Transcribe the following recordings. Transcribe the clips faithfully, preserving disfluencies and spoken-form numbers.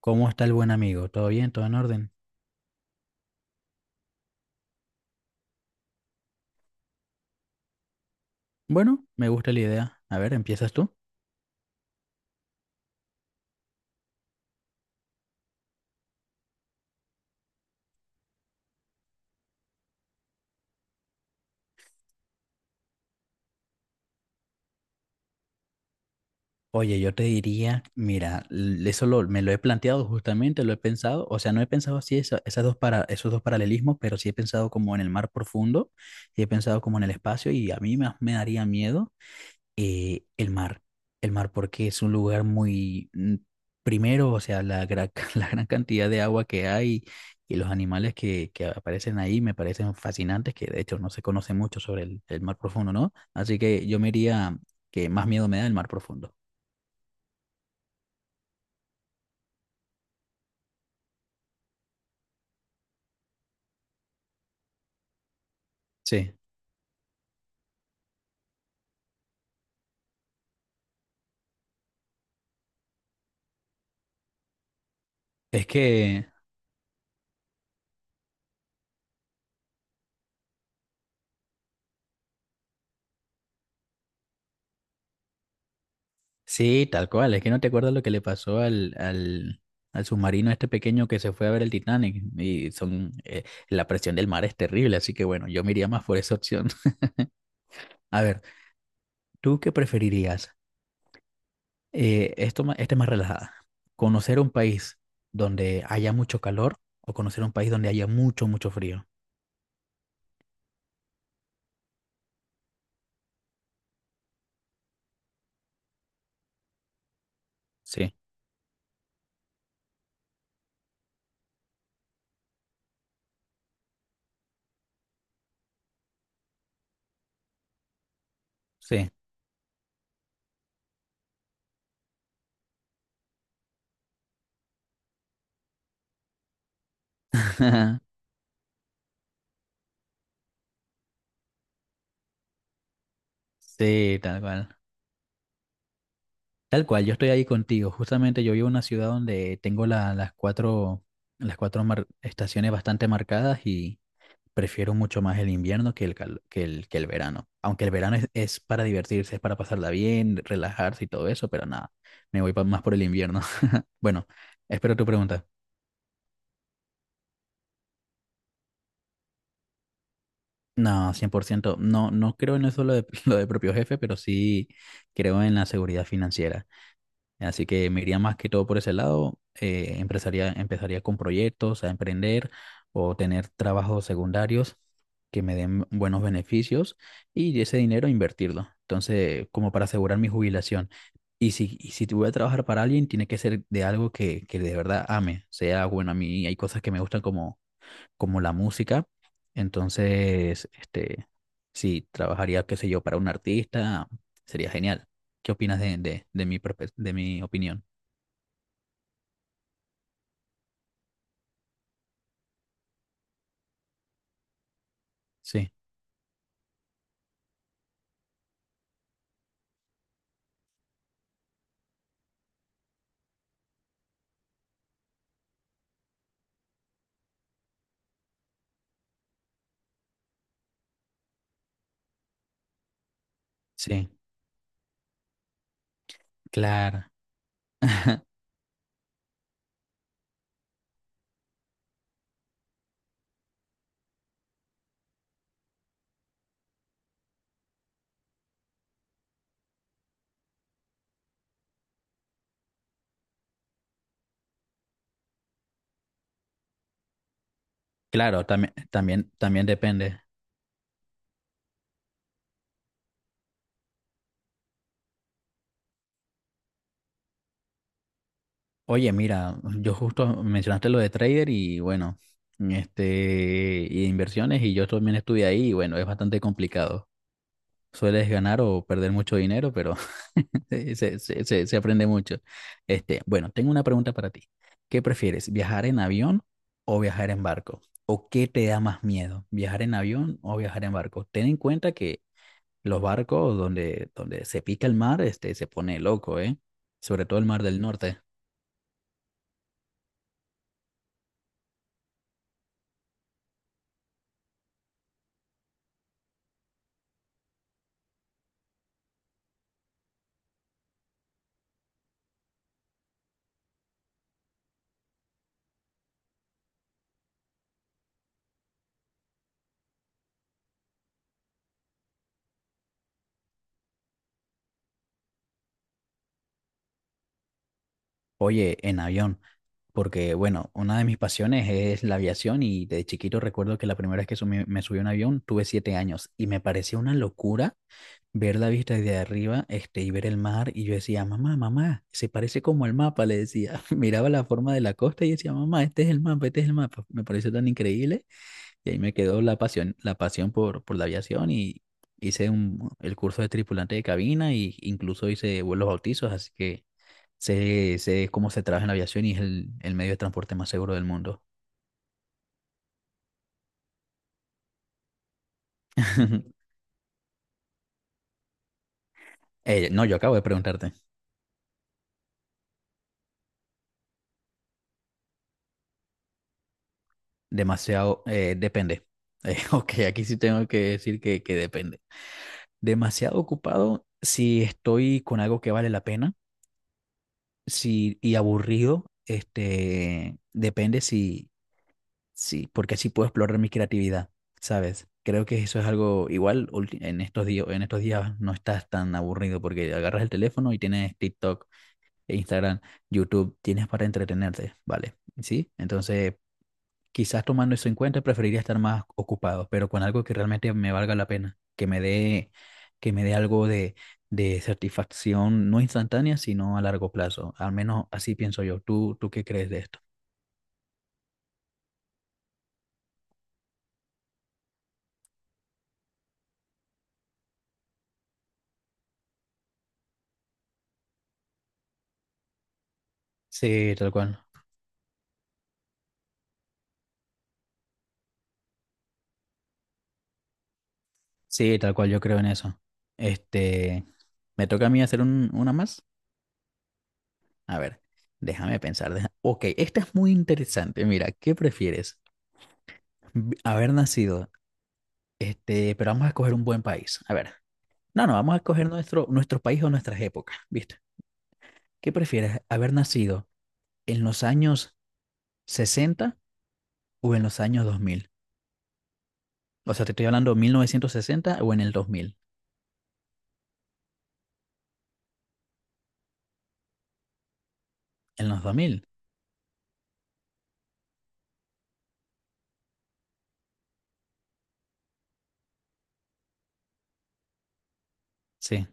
¿Cómo está el buen amigo? ¿Todo bien? ¿Todo en orden? Bueno, me gusta la idea. A ver, ¿empiezas tú? Oye, yo te diría, mira, l- eso lo- me lo he planteado justamente, lo he pensado, o sea, no he pensado así esa- esas dos para, esos dos paralelismos, pero sí he pensado como en el mar profundo, y he pensado como en el espacio y a mí me, me daría miedo eh, el mar. El mar porque es un lugar muy, mm, primero, o sea, la, gra- la gran cantidad de agua que hay y los animales que, que aparecen ahí me parecen fascinantes, que de hecho no se conoce mucho sobre el, el mar profundo, ¿no? Así que yo me iría que más miedo me da el mar profundo. Sí, es que, sí, tal cual, es que no te acuerdas lo que le pasó al... al al submarino este pequeño que se fue a ver el Titanic y son, eh, la presión del mar es terrible, así que bueno, yo me iría más por esa opción. A ver. ¿Tú qué preferirías? Eh, esto, ma- esta es más relajada. ¿Conocer un país donde haya mucho calor, o conocer un país donde haya mucho, mucho frío? Sí, sí, sí, tal cual. Tal cual, yo estoy ahí contigo. Justamente yo vivo en una ciudad donde tengo la- las cuatro, las cuatro mar- estaciones bastante marcadas, y prefiero mucho más el invierno que el, cal- que el, que el verano. Aunque el verano es, es para divertirse, es para pasarla bien, relajarse y todo eso, pero nada, me voy pa- más por el invierno. Bueno, espero tu pregunta. No, cien por ciento. No, no creo en eso, lo de, lo de propio jefe, pero sí creo en la seguridad financiera. Así que me iría más que todo por ese lado. Eh, empezaría, empezaría con proyectos, a emprender o tener trabajos secundarios que me den buenos beneficios, y ese dinero invertirlo. Entonces, como para asegurar mi jubilación. Y si, y si te voy a trabajar para alguien, tiene que ser de algo que, que de verdad ame. O sea, bueno, a mí hay cosas que me gustan, como la música. Entonces, este, si trabajaría, qué sé yo, para un artista, sería genial. ¿Qué opinas de, de, de mi, perspe- de mi opinión? Sí, sí, claro. Claro, también, también, también depende. Oye, mira, yo justo mencionaste lo de trader, y bueno, este, y de inversiones, y yo también estuve ahí y bueno, es bastante complicado. Sueles ganar o perder mucho dinero, pero sí, se, se, se- se aprende mucho. Este, bueno, tengo una pregunta para ti. ¿Qué prefieres, viajar en avión o viajar en barco? ¿O qué te da más miedo, viajar en avión o viajar en barco? Ten en cuenta que los barcos donde, donde se pica el mar, este, se pone loco, ¿eh? Sobre todo el mar del norte. Oye, en avión, porque bueno, una de mis pasiones es la aviación, y de chiquito recuerdo que la primera vez que sumi- me subí a un avión tuve siete años, y me pareció una locura ver la vista desde arriba, este, y ver el mar, y yo decía, mamá, mamá, se parece como el mapa, le decía, miraba la forma de la costa y decía, mamá, este es el mapa, este es el mapa, me pareció tan increíble, y ahí me quedó la pasión, la pasión por, por la aviación, y hice un, el curso de tripulante de cabina, y incluso hice vuelos bautizos, así que sé, sé cómo se trabaja en la aviación, y es el, el medio de transporte más seguro del mundo. Eh, no, yo acabo de preguntarte. Demasiado, eh, depende. Eh, ok, aquí sí tengo que decir que que depende. Demasiado ocupado si estoy con algo que vale la pena, si, y aburrido, este, depende si, si, porque así puedo explorar mi creatividad, ¿sabes? Creo que eso es algo igual ulti- en estos días, en estos días no estás tan aburrido, porque agarras el teléfono y tienes TikTok, Instagram, YouTube, tienes para entretenerte, ¿vale? ¿Sí? Entonces, quizás tomando eso en cuenta, preferiría estar más ocupado, pero con algo que realmente me valga la pena, que me dé, que me dé algo de, de satisfacción, no instantánea, sino a largo plazo. Al menos así pienso yo. ¿Tú, tú qué crees de esto? Sí, tal cual. Sí, tal cual, yo creo en eso. Este, Me toca a mí hacer un- una más. A ver, déjame pensar. deja- Ok, esta es muy interesante. Mira, ¿qué prefieres? Vi- Haber nacido, este, pero vamos a escoger un buen país. A ver. No, no, vamos a escoger nuestro, nuestro país o nuestras épocas, ¿viste? ¿Qué prefieres, haber nacido en los años sesenta o en los años dos mil? O sea, te estoy hablando mil novecientos sesenta o en el dos mil, en los dos mil. Sí.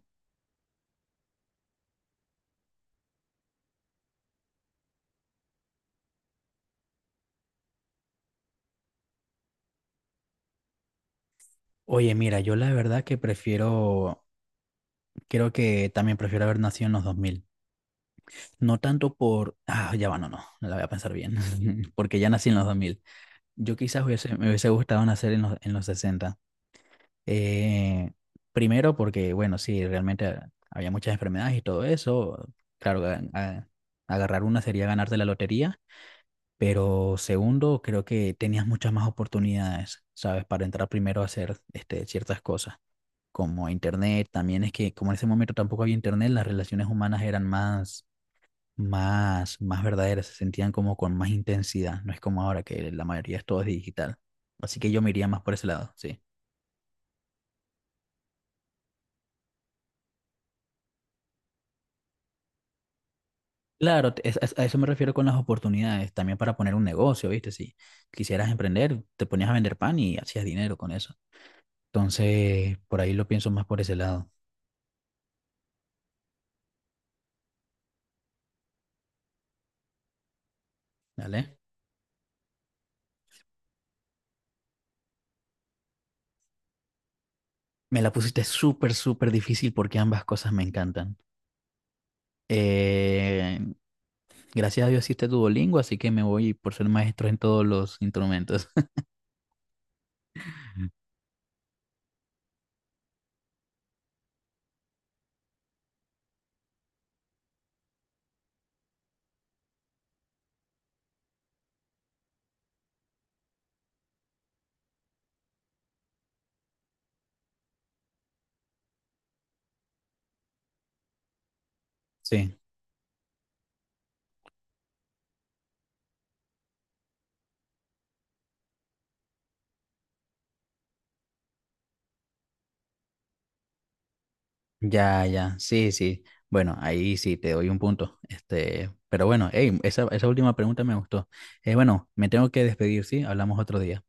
Oye, mira, yo la verdad que prefiero, creo que también prefiero haber nacido en los dos mil. No tanto por, ah, ya va, no, no, no la voy a pensar bien, porque ya nací en los dos mil. Yo quizás hubiese- me hubiese gustado nacer en los, en los sesenta. Eh, Primero porque, bueno, sí, realmente había muchas enfermedades y todo eso. Claro, ga- a- agarrar una sería ganarte la lotería, pero segundo, creo que tenías muchas más oportunidades, ¿sabes? Para entrar primero a hacer este, ciertas cosas, como internet. También es que como en ese momento tampoco había internet, las relaciones humanas eran más, más, más verdaderas, se sentían como con más intensidad. No es como ahora que la mayoría es todo digital. Así que yo me iría más por ese lado, sí. Claro, te- es- es- a eso me refiero con las oportunidades, también para poner un negocio, ¿viste? Si quisieras emprender, te ponías a vender pan y hacías dinero con eso. Entonces, por ahí lo pienso más por ese lado, ¿vale? Me la pusiste súper, súper difícil porque ambas cosas me encantan. Eh, Gracias a Dios existe Duolingo, así que me voy por ser maestro en todos los instrumentos. Sí. Ya, ya, sí, sí. Bueno, ahí sí te doy un punto. Este, pero bueno, ey, esa, esa última pregunta me gustó. Eh, bueno, me tengo que despedir, ¿sí? Hablamos otro día.